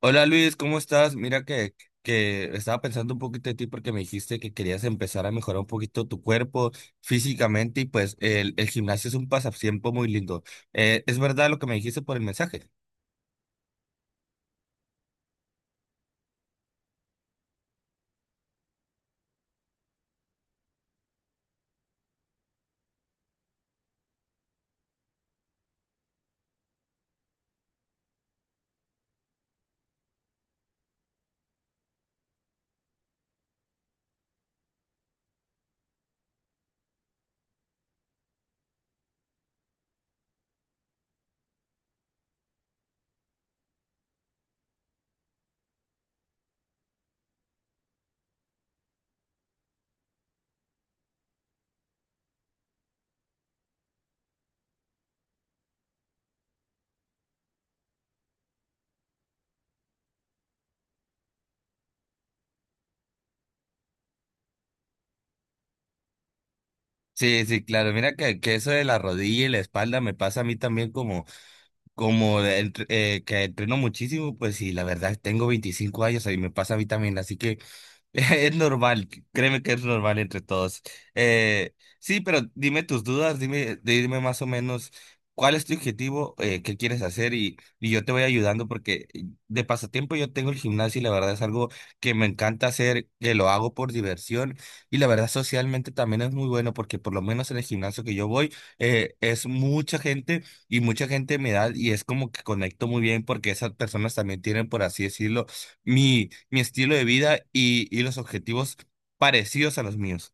Hola, Luis, ¿cómo estás? Mira que estaba pensando un poquito de ti porque me dijiste que querías empezar a mejorar un poquito tu cuerpo físicamente, y pues el gimnasio es un pasatiempo muy lindo. ¿Es verdad lo que me dijiste por el mensaje? Sí, sí, claro. Mira que eso de la rodilla y la espalda me pasa a mí también, como... Como que entreno muchísimo, pues sí, la verdad, tengo 25 años y me pasa a mí también, así que es normal, créeme que es normal entre todos. Sí, pero dime tus dudas, dime, dime más o menos cuál es tu objetivo, qué quieres hacer, y yo te voy ayudando, porque de pasatiempo yo tengo el gimnasio y la verdad es algo que me encanta hacer, que lo hago por diversión. Y la verdad, socialmente también es muy bueno, porque por lo menos en el gimnasio que yo voy es mucha gente, y mucha gente me da, y es como que conecto muy bien porque esas personas también tienen, por así decirlo, mi estilo de vida, y los objetivos parecidos a los míos.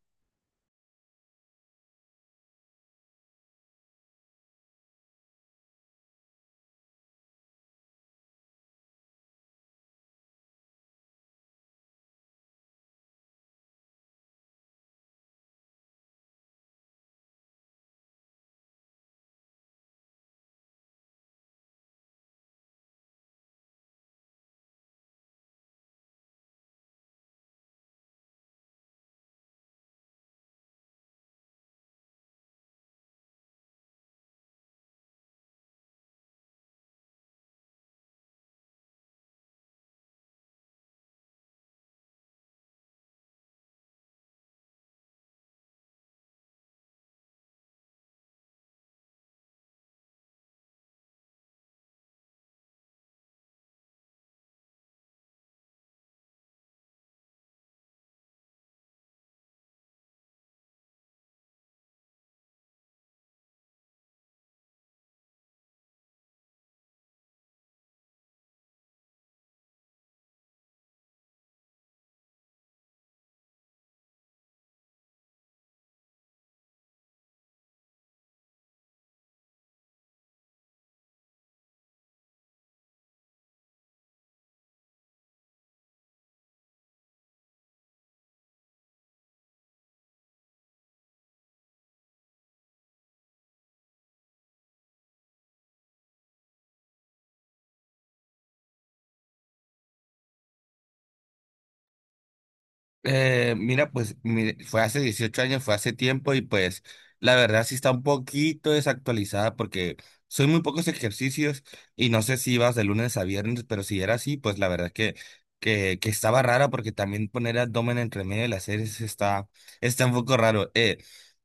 Mira, pues mire, fue hace 18 años, fue hace tiempo, y pues la verdad sí está un poquito desactualizada porque son muy pocos ejercicios, y no sé si ibas de lunes a viernes, pero si era así, pues la verdad que, que estaba rara, porque también poner abdomen entre medio de las series está, está un poco raro.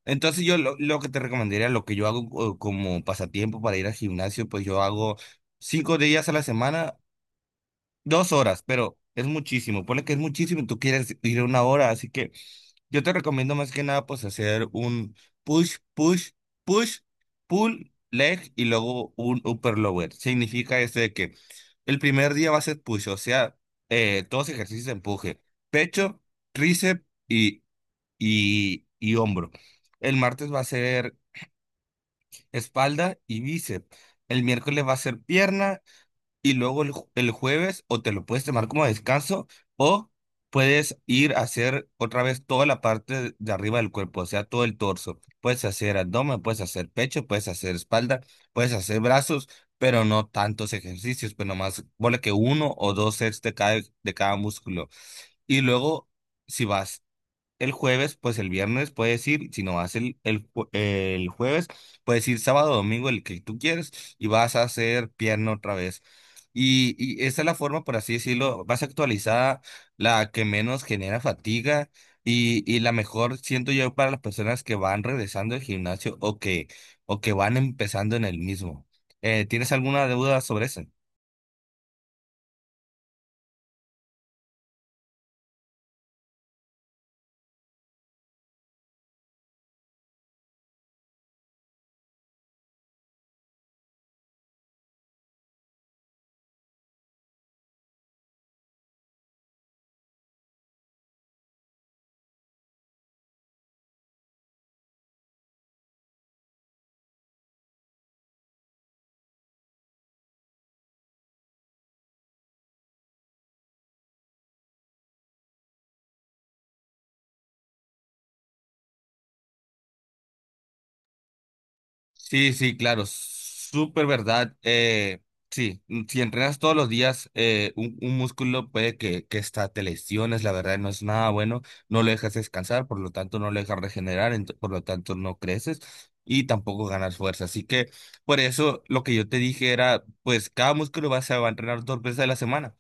Entonces lo que te recomendaría, lo que yo hago como pasatiempo para ir al gimnasio, pues yo hago cinco días a la semana. Dos horas, pero es muchísimo. Ponle que es muchísimo, y tú quieres ir una hora. Así que yo te recomiendo, más que nada, pues hacer un push, push, push, pull, leg, y luego un upper lower. Significa esto de que el primer día va a ser push, o sea, todos ejercicios de empuje: pecho, tríceps y, y hombro. El martes va a ser espalda y bíceps. El miércoles va a ser pierna, y luego el jueves o te lo puedes tomar como descanso, o puedes ir a hacer otra vez toda la parte de arriba del cuerpo, o sea, todo el torso. Puedes hacer abdomen, puedes hacer pecho, puedes hacer espalda, puedes hacer brazos, pero no tantos ejercicios, pero nomás ponle que uno o dos sets de cada músculo. Y luego, si vas el jueves, pues el viernes puedes ir; si no vas el jueves, puedes ir sábado, domingo, el que tú quieres, y vas a hacer pierna otra vez. Y esa es la forma, por así decirlo, más actualizada, la que menos genera fatiga, y la mejor, siento yo, para las personas que van regresando al gimnasio, o que van empezando en el mismo. ¿Tienes alguna duda sobre eso? Sí, sí, claro, súper verdad. Sí. Si entrenas todos los días, un músculo puede que hasta te lesiones, la verdad no es nada bueno, no lo dejas descansar, por lo tanto no lo dejas regenerar, por lo tanto no creces y tampoco ganas fuerza. Así que por eso lo que yo te dije era, pues cada músculo se va a entrenar dos veces a la semana,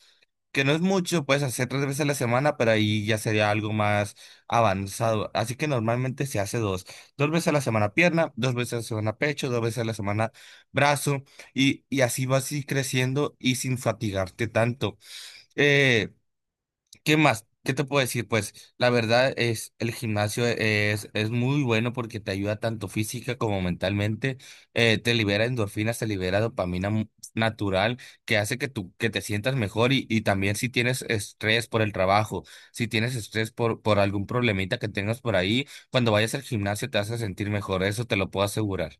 que no es mucho, puedes hacer tres veces a la semana, pero ahí ya sería algo más avanzado. Así que normalmente se hace dos. Dos veces a la semana pierna, dos veces a la semana pecho, dos veces a la semana brazo, y así vas a ir creciendo y sin fatigarte tanto. Eh, ¿Qué más? ¿Qué te puedo decir? Pues la verdad, es el gimnasio es muy bueno porque te ayuda tanto física como mentalmente. Te libera endorfinas, te libera dopamina natural, que hace que tú que te sientas mejor, y también si tienes estrés por el trabajo, si tienes estrés por algún problemita que tengas por ahí, cuando vayas al gimnasio te hace sentir mejor, eso te lo puedo asegurar.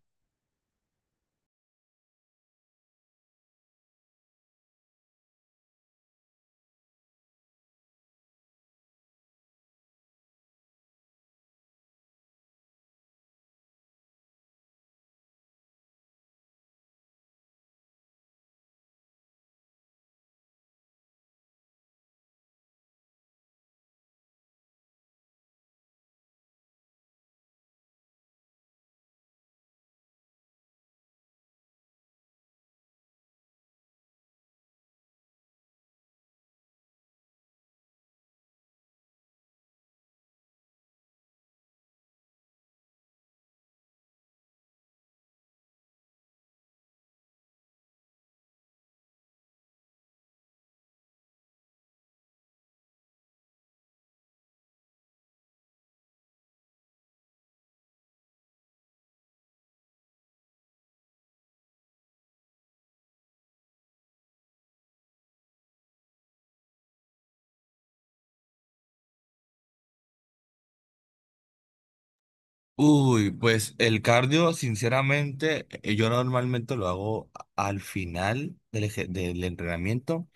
Uy, pues el cardio, sinceramente, yo normalmente lo hago al final del entrenamiento.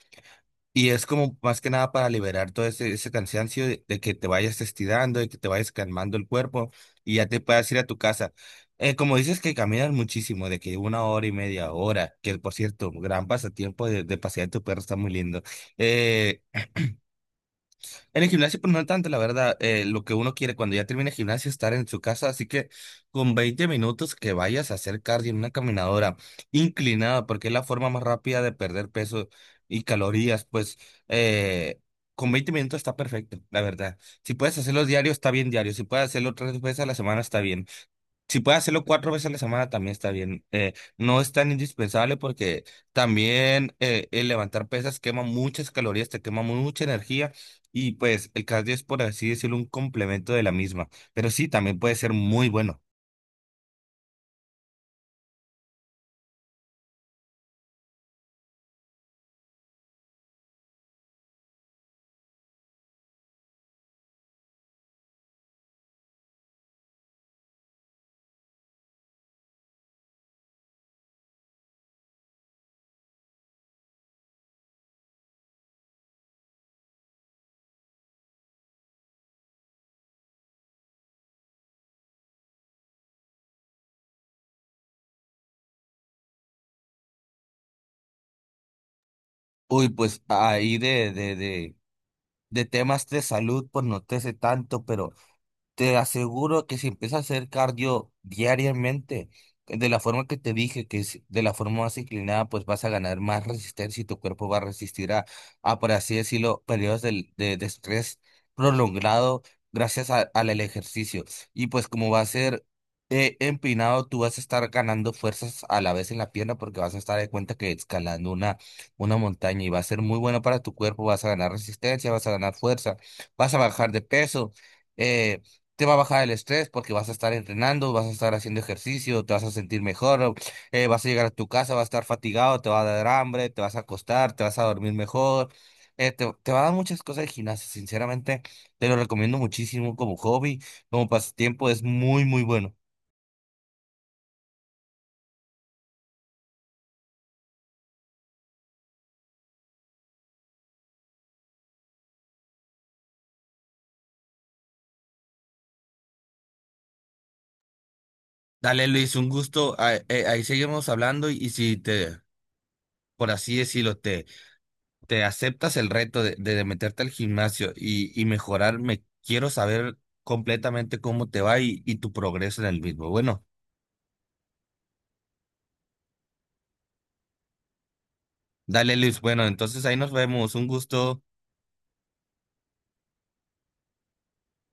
Y es como más que nada para liberar todo ese, ese cansancio, de que te vayas estirando, de que te vayas calmando el cuerpo, y ya te puedas ir a tu casa. Como dices que caminas muchísimo, de que una hora y media hora, que por cierto, gran pasatiempo, de pasear tu perro, está muy lindo. Eh, en el gimnasio, pues no tanto, la verdad, lo que uno quiere cuando ya termina el gimnasio es estar en su casa, así que con 20 minutos que vayas a hacer cardio en una caminadora inclinada, porque es la forma más rápida de perder peso y calorías, pues eh, con 20 minutos está perfecto, la verdad. Si puedes hacerlo diario, está bien diario; si puedes hacerlo tres veces a la semana, está bien. Si puede hacerlo cuatro veces a la semana, también está bien. No es tan indispensable porque también el levantar pesas quema muchas calorías, te quema mucha energía, y pues el cardio es, por así decirlo, un complemento de la misma. Pero sí, también puede ser muy bueno. Uy, pues ahí de temas de salud, pues no te sé tanto, pero te aseguro que si empiezas a hacer cardio diariamente, de la forma que te dije, que es de la forma más inclinada, pues vas a ganar más resistencia, y tu cuerpo va a resistir a por así decirlo, periodos de estrés prolongado gracias al el ejercicio. Y pues como va a ser empinado, tú vas a estar ganando fuerzas a la vez en la pierna porque vas a estar de cuenta que escalando una montaña, y va a ser muy bueno para tu cuerpo, vas a ganar resistencia, vas a ganar fuerza, vas a bajar de peso. Eh, Te va a bajar el estrés porque vas a estar entrenando, vas a estar haciendo ejercicio, te vas a sentir mejor, vas a llegar a tu casa, vas a estar fatigado, te va a dar hambre, te vas a acostar, te vas a dormir mejor, te va a dar muchas cosas de gimnasia, sinceramente, te lo recomiendo muchísimo como hobby, como pasatiempo, es muy, muy bueno. Dale, Luis, un gusto, ah, ahí seguimos hablando, y si te, por así decirlo, te... te aceptas el reto de meterte al gimnasio y mejorar, me quiero saber completamente cómo te va, y tu progreso en el mismo. Bueno, dale, Luis, bueno, entonces ahí nos vemos, un gusto.